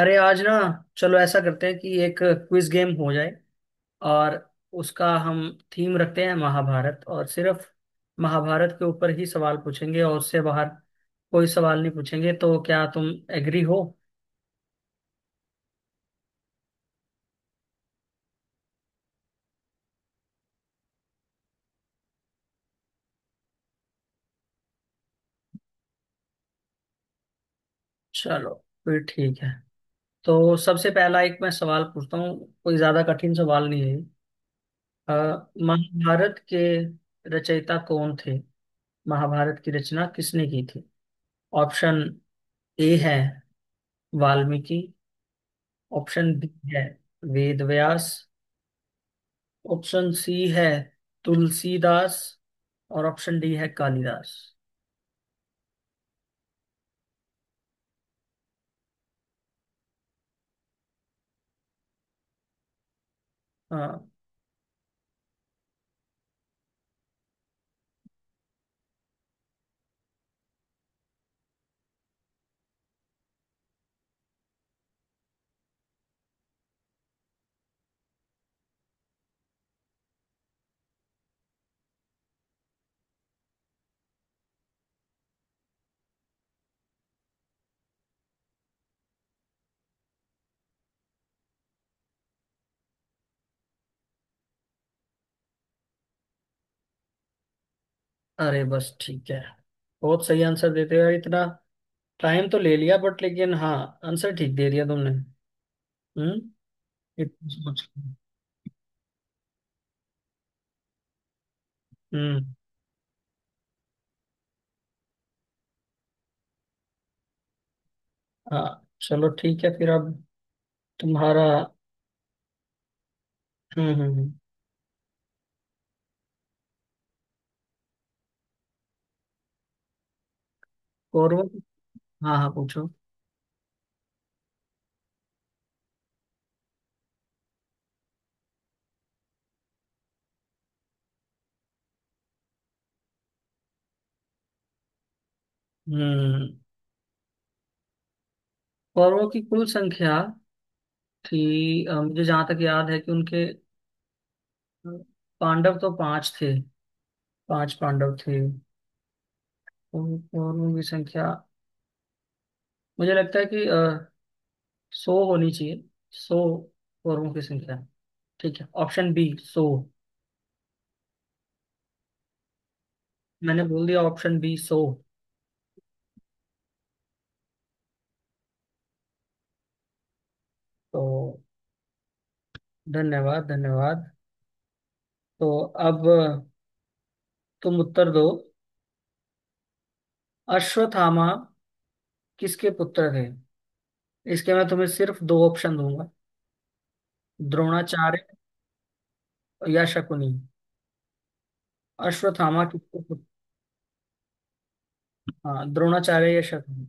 अरे आज ना, चलो ऐसा करते हैं कि एक क्विज गेम हो जाए। और उसका हम थीम रखते हैं महाभारत। और सिर्फ महाभारत के ऊपर ही सवाल पूछेंगे और उससे बाहर कोई सवाल नहीं पूछेंगे। तो क्या तुम एग्री हो? चलो, फिर ठीक है। तो सबसे पहला एक मैं सवाल पूछता हूँ। कोई ज्यादा कठिन सवाल नहीं है। अ, महाभारत के रचयिता कौन थे? महाभारत की रचना किसने की थी? ऑप्शन ए है वाल्मीकि। ऑप्शन बी है वेद व्यास। ऑप्शन सी है तुलसीदास। और ऑप्शन डी है कालिदास। हाँ। अरे बस ठीक है। बहुत सही आंसर देते हो यार। इतना टाइम तो ले लिया बट लेकिन हाँ, आंसर ठीक दे दिया तुमने। हम्म। इतना सोच के। हम्म। हाँ, चलो ठीक है फिर। अब तुम्हारा। हम्म। कौरवों की। हाँ हाँ, पूछो। हम्म। कौरवों की कुल संख्या थी। मुझे जहां तक याद है कि उनके पांडव तो पांच थे। पांच पांडव थे। और कौरवों की संख्या मुझे लगता है कि 100 होनी चाहिए। 100। कौरवों की संख्या। ठीक है, ऑप्शन बी 100। मैंने बोल दिया ऑप्शन बी 100। तो धन्यवाद धन्यवाद। तो अब तुम उत्तर दो। अश्वत्थामा किसके पुत्र थे? इसके मैं तुम्हें सिर्फ दो ऑप्शन दूंगा। द्रोणाचार्य या शकुनी। अश्वत्थामा किसके पुत्र? हाँ, द्रोणाचार्य या शकुनी।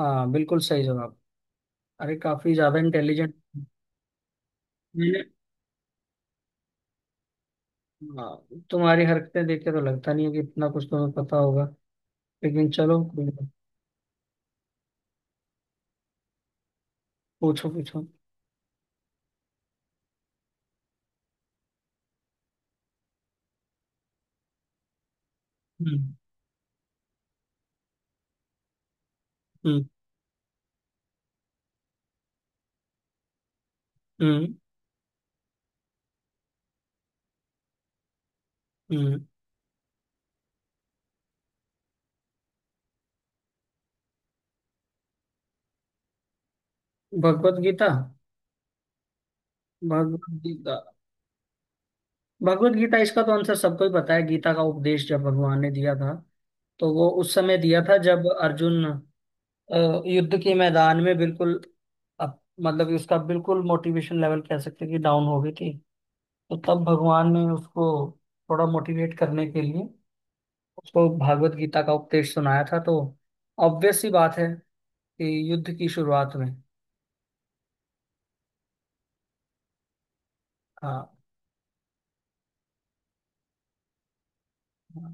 हाँ बिल्कुल सही जवाब। अरे काफी ज्यादा इंटेलिजेंट। मैंने। हाँ, तुम्हारी हरकतें देख के तो लगता नहीं है कि इतना कुछ तुम्हें पता होगा। लेकिन चलो कोई नहीं। पूछो पूछो। हम्म हम्म हम्म हम्म। भगवत गीता। भगवत गीता। भगवत गीता इसका तो आंसर सबको ही पता है। गीता का उपदेश जब भगवान ने दिया था, तो वो उस समय दिया था जब अर्जुन युद्ध के मैदान में बिल्कुल अप- मतलब कि उसका बिल्कुल मोटिवेशन लेवल कह सकते हैं कि डाउन हो गई थी। तो तब भगवान ने उसको थोड़ा मोटिवेट करने के लिए उसको भागवत गीता का उपदेश सुनाया था। तो ऑब्वियस सी बात है कि युद्ध की शुरुआत में। हाँ। हाँ,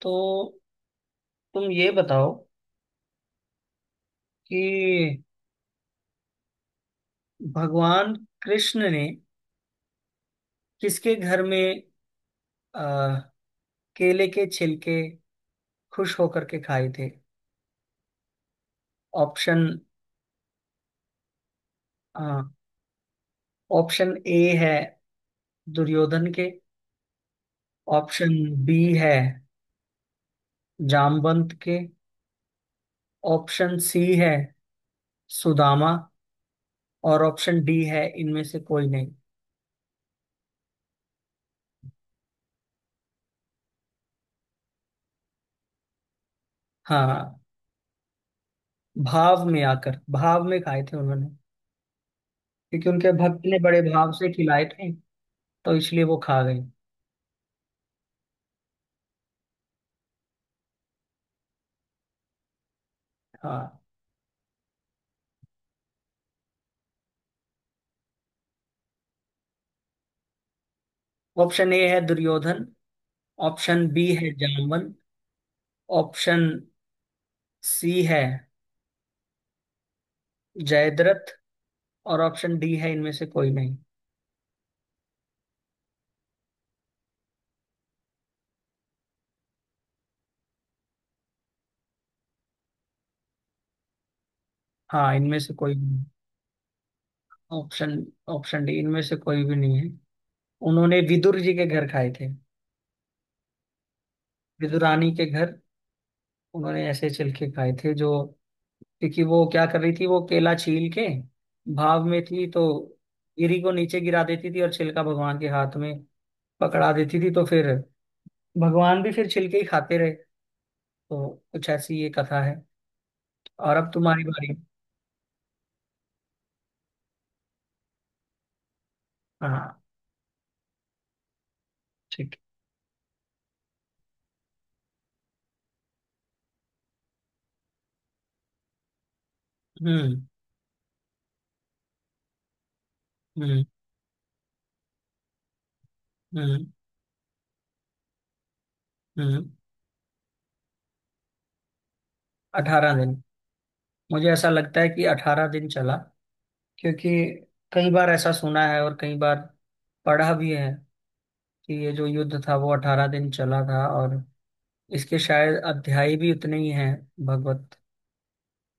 तो तुम ये बताओ कि भगवान कृष्ण ने किसके घर में आ, केले के छिलके खुश होकर के खाए थे? ऑप्शन। ऑप्शन ए है दुर्योधन के। ऑप्शन बी है जामवंत के। ऑप्शन सी है सुदामा। और ऑप्शन डी है इनमें से कोई नहीं। हाँ, भाव में आकर भाव में खाए थे उन्होंने, क्योंकि उनके भक्त ने बड़े भाव से खिलाए थे। तो इसलिए वो खा गए। हाँ। ऑप्शन ए है दुर्योधन। ऑप्शन बी है जामवन। ऑप्शन सी है जयद्रथ। और ऑप्शन डी है इनमें से कोई नहीं। हाँ, इनमें से कोई भी नहीं। ऑप्शन। ऑप्शन डी, इनमें से कोई भी नहीं है। उन्होंने विदुर जी के घर खाए थे। विदुरानी के घर उन्होंने ऐसे छिलके खाए थे जो, क्योंकि वो क्या कर रही थी, वो केला छील के भाव में थी तो गिरी को नीचे गिरा देती थी और छिलका भगवान के हाथ में पकड़ा देती थी। तो फिर भगवान भी फिर छिलके ही खाते रहे। तो कुछ ऐसी ये कथा है। और अब तुम्हारी बारी। हाँ ठीक। हम्म हम्म हम्म हम्म। 18 दिन। मुझे ऐसा लगता है कि 18 दिन चला, क्योंकि कई बार ऐसा सुना है और कई बार पढ़ा भी है कि ये जो युद्ध था वो 18 दिन चला था। और इसके शायद अध्याय भी उतने ही हैं। भागवत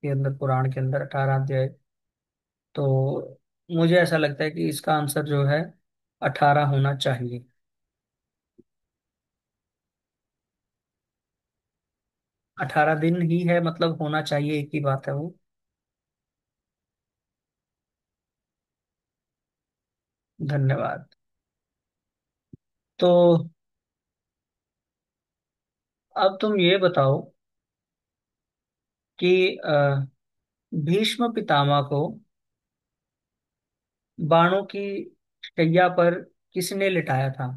के अंदर, पुराण के अंदर 18 अध्याय। तो मुझे ऐसा लगता है कि इसका आंसर जो है 18 होना चाहिए। 18 दिन ही है, मतलब होना चाहिए एक ही बात है वो। धन्यवाद। तो अब तुम ये बताओ कि अ, भीष्म पितामह को बाणों की शैया पर किसने लिटाया था?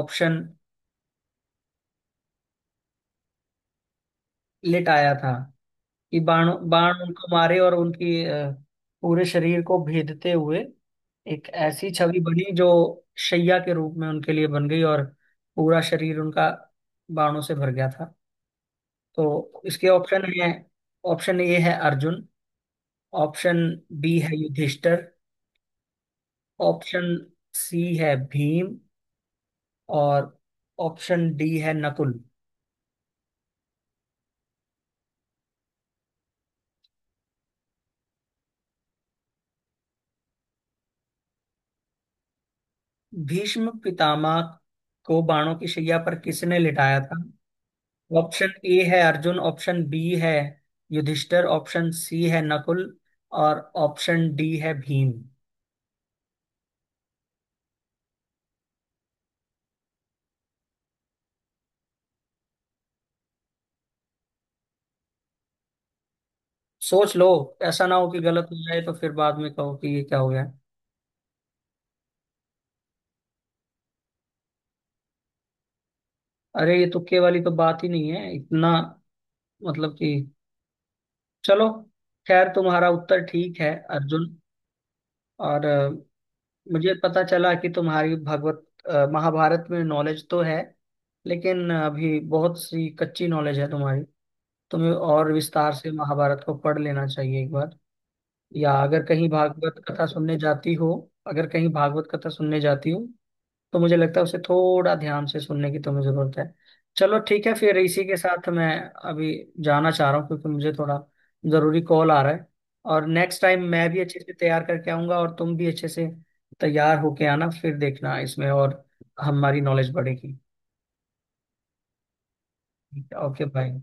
ऑप्शन। लिटाया था कि बाण बाण उनको मारे और उनकी पूरे शरीर को भेदते हुए एक ऐसी छवि बनी जो शैया के रूप में उनके लिए बन गई और पूरा शरीर उनका बाणों से भर गया था। तो इसके ऑप्शन है। ऑप्शन ए है अर्जुन। ऑप्शन बी है युधिष्ठिर। ऑप्शन सी है भीम। और ऑप्शन डी है नकुल। भीष्म पितामह को बाणों की शैया पर किसने लिटाया था? ऑप्शन ए है अर्जुन। ऑप्शन बी है युधिष्ठिर। ऑप्शन सी है नकुल। और ऑप्शन डी है भीम। सोच लो, ऐसा ना हो कि गलत हो जाए तो फिर बाद में कहो कि ये क्या हो गया। अरे, ये तुक्के वाली तो बात ही नहीं है इतना। मतलब कि चलो, खैर तुम्हारा उत्तर ठीक है, अर्जुन। और मुझे पता चला कि तुम्हारी भगवत, महाभारत में नॉलेज तो है, लेकिन अभी बहुत सी कच्ची नॉलेज है तुम्हारी। तुम्हें और विस्तार से महाभारत को पढ़ लेना चाहिए एक बार। या अगर कहीं भागवत कथा सुनने जाती हो, अगर कहीं भागवत कथा सुनने जाती हो तो मुझे लगता है उसे थोड़ा ध्यान से सुनने की तुम्हें जरूरत है। चलो ठीक है फिर, इसी के साथ मैं अभी जाना चाह रहा हूँ, क्योंकि मुझे थोड़ा जरूरी कॉल आ रहा है। और नेक्स्ट टाइम मैं भी अच्छे से तैयार करके आऊंगा और तुम भी अच्छे से तैयार होके आना, फिर देखना इसमें और हमारी नॉलेज बढ़ेगी। Okay bye.